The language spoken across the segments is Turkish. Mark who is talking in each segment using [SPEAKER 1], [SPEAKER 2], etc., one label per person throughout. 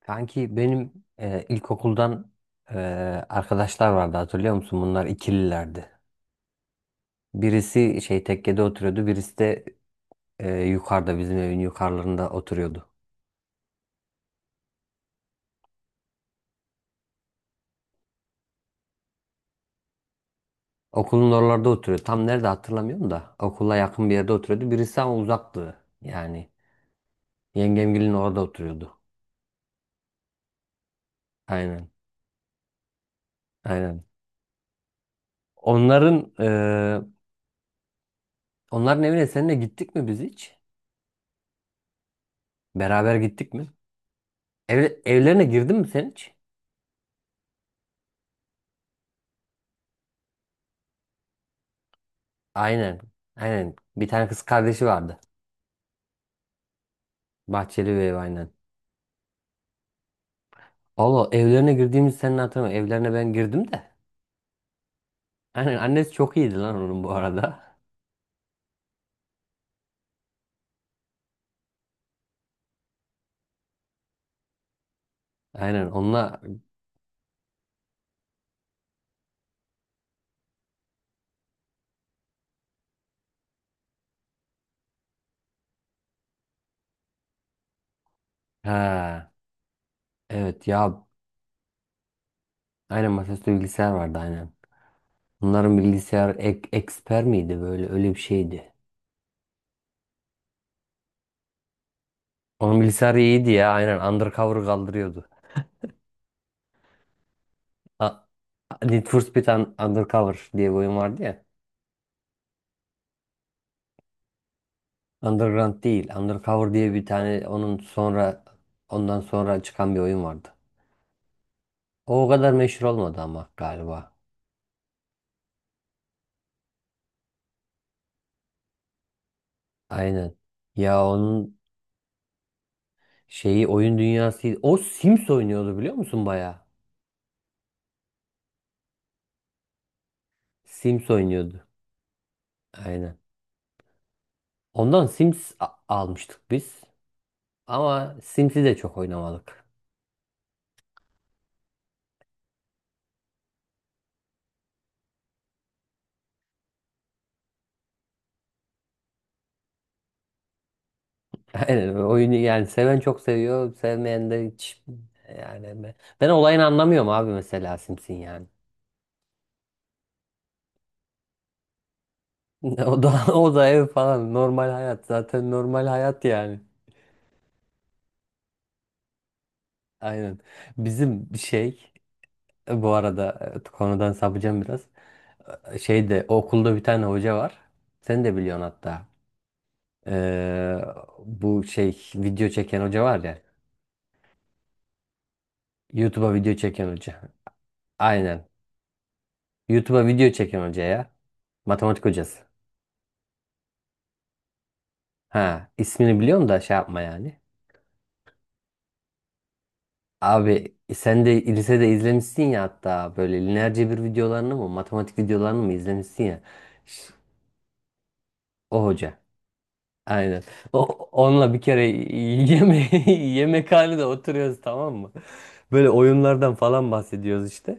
[SPEAKER 1] Kanki benim ilkokuldan e, arkadaşlar vardı hatırlıyor musun? Bunlar ikililerdi. Birisi şey tekkede oturuyordu, birisi de yukarıda bizim evin yukarılarında oturuyordu. Okulun oralarda oturuyordu. Tam nerede hatırlamıyorum da okula yakın bir yerde oturuyordu. Birisi ama uzaktı yani. Yengemgilin orada oturuyordu. Aynen. Aynen. Onların onların evine seninle gittik mi biz hiç? Beraber gittik mi? Evlerine girdin mi sen hiç? Aynen. Aynen. Bir tane kız kardeşi vardı. Bahçeli ve ev aynen. Allah evlerine girdiğimiz senin hatırlamıyorum. Evlerine ben girdim de. Aynen annesi çok iyiydi lan onun bu arada. Aynen onunla ha evet ya aynen masaüstü bilgisayar vardı aynen. Bunların bilgisayar eksper miydi böyle öyle bir şeydi. Onun bilgisayarı iyiydi ya aynen undercover kaldırıyordu. A- Need for Speed Undercover diye bir oyun vardı ya. Underground değil. Undercover diye bir tane onun sonra ondan sonra çıkan bir oyun vardı. O kadar meşhur olmadı ama galiba. Aynen. Ya onun şeyi oyun dünyası o Sims oynuyordu biliyor musun baya? Sims oynuyordu. Aynen. Ondan Sims almıştık biz. Ama Sims'i de çok oynamadık. Aynen oyunu yani seven çok seviyor, sevmeyen de hiç yani ben olayını anlamıyorum abi mesela Sims'in yani. O da ev falan normal hayat zaten normal hayat yani. Aynen. Bizim şey bu arada konudan sapacağım biraz. Şeyde okulda bir tane hoca var. Sen de biliyorsun hatta. Ee, bu şey video çeken hoca var ya. YouTube'a video çeken hoca. Aynen. YouTube'a video çeken hoca ya. Matematik hocası. Ha, ismini biliyorum da şey yapma yani. Abi sen de lisede izlemişsin ya hatta böyle lineer cebir videolarını mı matematik videolarını mı izlemişsin ya. Ş- O hoca. Aynen. O, onunla bir kere yeme yemekhanede oturuyoruz tamam mı? Böyle oyunlardan falan bahsediyoruz işte.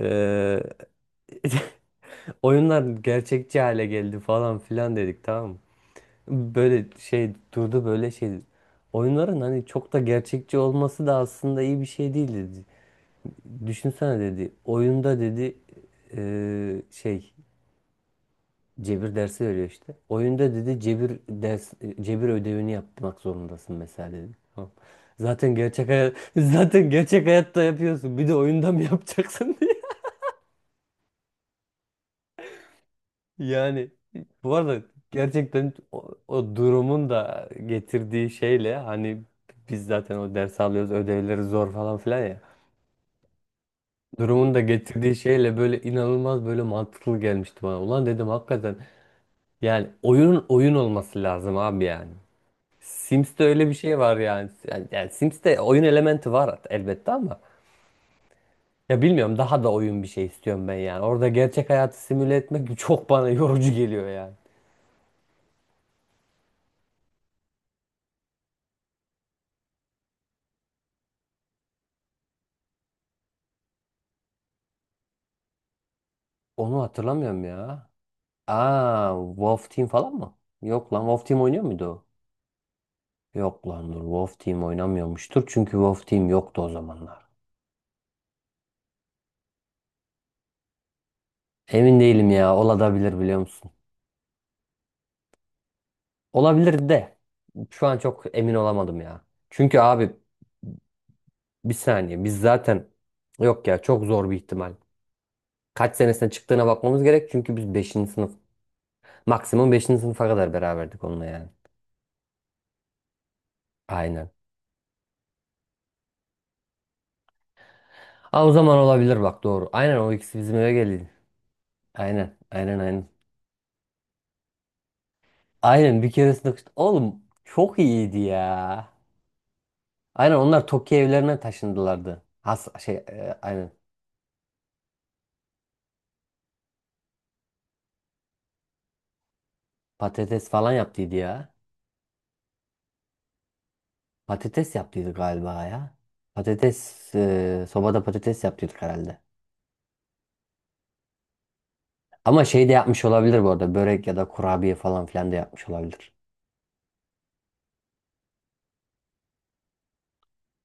[SPEAKER 1] Ee, oyunlar gerçekçi hale geldi falan filan dedik tamam mı? Böyle şey durdu böyle şey. Oyunların hani çok da gerçekçi olması da aslında iyi bir şey değil dedi. Düşünsene dedi. Oyunda dedi şey cebir dersi veriyor işte. Oyunda dedi cebir ödevini yapmak zorundasın mesela dedi. Tamam. Zaten gerçek hayat zaten gerçek hayatta yapıyorsun. Bir de oyunda mı yapacaksın diye. Yani bu arada gerçekten o durumun da getirdiği şeyle hani biz zaten o ders alıyoruz ödevleri zor falan filan ya. Durumun da getirdiği şeyle böyle inanılmaz böyle mantıklı gelmişti bana. Ulan dedim hakikaten yani oyunun oyun olması lazım abi yani. Sims'te öyle bir şey var yani. Yani Sims'te oyun elementi var elbette ama ya bilmiyorum daha da oyun bir şey istiyorum ben yani. Orada gerçek hayatı simüle etmek çok bana yorucu geliyor yani. Onu hatırlamıyorum ya. Aa, Wolf Team falan mı? Yok lan Wolf Team oynuyor muydu o? Yok lan dur Wolf Team oynamıyormuştur çünkü Wolf Team yoktu o zamanlar. Emin değilim ya olabilir biliyor musun? Olabilir de şu an çok emin olamadım ya. Çünkü abi bir saniye biz zaten yok ya çok zor bir ihtimal. Kaç senesine çıktığına bakmamız gerek çünkü biz beşinci sınıf maksimum beşinci sınıfa kadar beraberdik onunla yani. Aynen. Aa, o zaman olabilir bak doğru. Aynen o ikisi bizim eve geldi. Aynen. Aynen bir keresinde oğlum çok iyiydi ya. Aynen onlar Tokyo evlerine taşındılardı. Has şey aynen patates falan yaptıydı ya. Patates yaptıydı galiba ya. Patates sobada patates yaptıydık herhalde. Ama şey de yapmış olabilir bu arada. Börek ya da kurabiye falan filan da yapmış olabilir.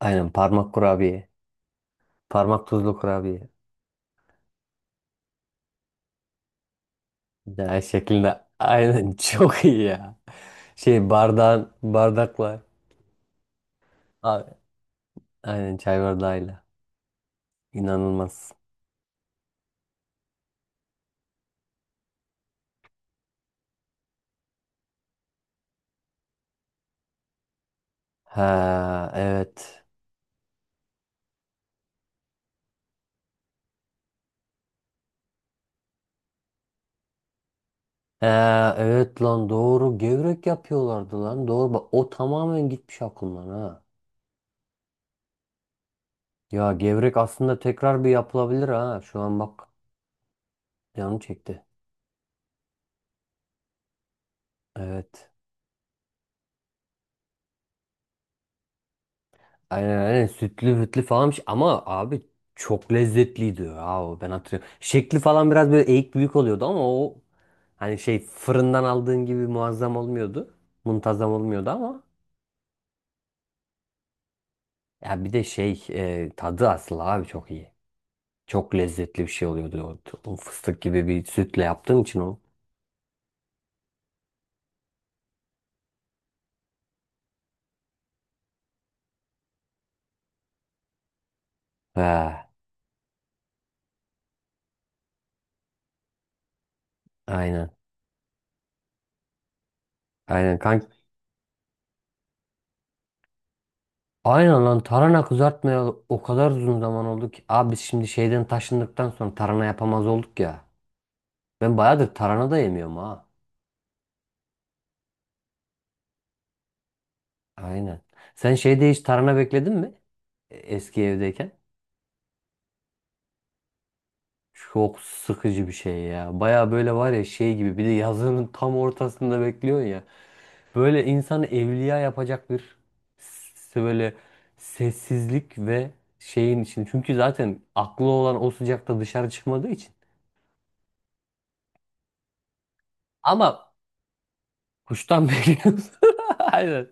[SPEAKER 1] Aynen parmak kurabiye. Parmak tuzlu kurabiye. Ya şeklinde. Aynen çok iyi ya. Şey bardağın bardakla. A- Aynen çay bardağıyla. İnanılmaz. Ha evet. Ha evet lan doğru. Gevrek yapıyorlardı lan. Doğru bak o tamamen gitmiş aklımdan ha. Ya gevrek aslında tekrar bir yapılabilir ha. Şu an bak canım çekti. Evet. Aynen sütlü hütlü falanmış ama abi çok lezzetliydi ya o ben hatırlıyorum. Şekli falan biraz böyle eğik büyük oluyordu ama o hani şey fırından aldığın gibi muazzam olmuyordu. Muntazam olmuyordu ama ya bir de şey tadı asıl abi çok iyi. Çok lezzetli bir şey oluyordu o fıstık gibi bir sütle yaptığın için o. He, aynen aynen kanka. Aynen lan tarhana kızartmayalı o kadar uzun zaman oldu ki. Abi biz şimdi şeyden taşındıktan sonra tarhana yapamaz olduk ya. Ben bayağıdır tarhana da yemiyorum ha. Aynen. Sen şeyde hiç tarhana bekledin mi? Eski evdeyken. Çok sıkıcı bir şey ya. Baya böyle var ya şey gibi bir de yazının tam ortasında bekliyorsun ya. Böyle insanı evliya yapacak bir böyle sessizlik ve şeyin için. Çünkü zaten aklı olan o sıcakta dışarı çıkmadığı için. Ama kuştan bekliyorsun. Aynen.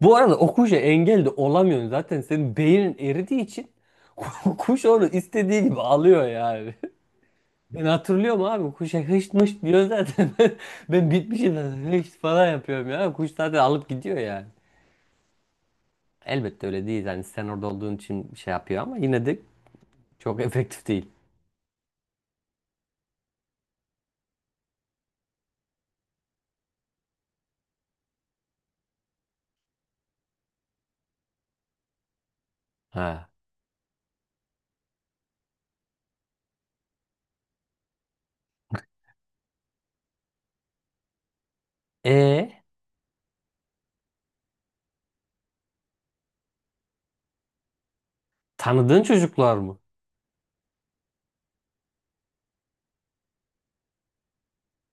[SPEAKER 1] Bu arada o kuşa engel de olamıyorsun. Zaten senin beynin eridiği için kuş onu istediği gibi alıyor yani. Ben hatırlıyorum abi kuşa hışt mışt diyor zaten. Ben bitmişim zaten hışt falan yapıyorum ya. Kuş zaten alıp gidiyor yani. Elbette öyle değil. Yani sen orada olduğun için şey yapıyor ama yine de çok efektif değil. Ha. E tanıdığın çocuklar mı?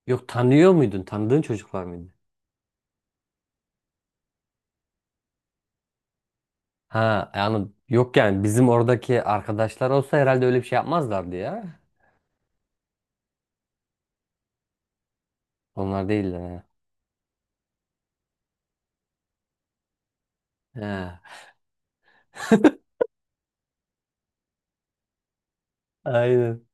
[SPEAKER 1] Yok tanıyor muydun? Tanıdığın çocuklar mıydı? Ha yani yok yani bizim oradaki arkadaşlar olsa herhalde öyle bir şey yapmazlardı ya. Onlar değiller ha. Ha. Aynen.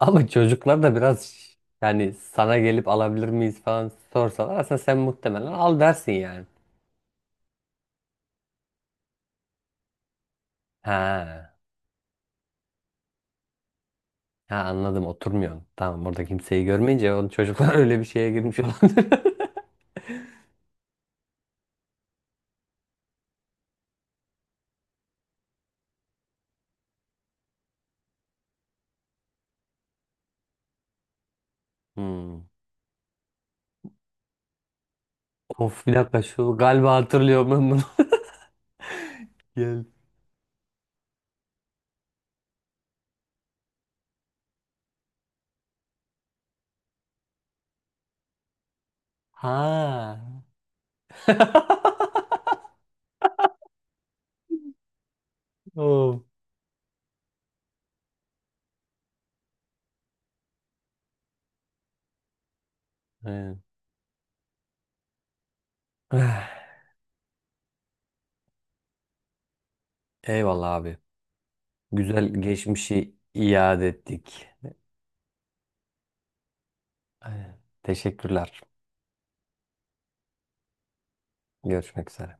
[SPEAKER 1] Ama çocuklar da biraz yani sana gelip alabilir miyiz falan sorsalar aslında sen muhtemelen al dersin yani. Ha, ha, anladım oturmuyorsun. Tamam orada kimseyi görmeyince o çocuklar öyle bir şeye girmiş olabilir. Hmm. Of bir dakika şu galiba hatırlıyorum ben bunu. Gel. Ha. Oh. Evet. Eyvallah abi. Güzel geçmişi iade ettik. Aynen. Teşekkürler. Görüşmek üzere.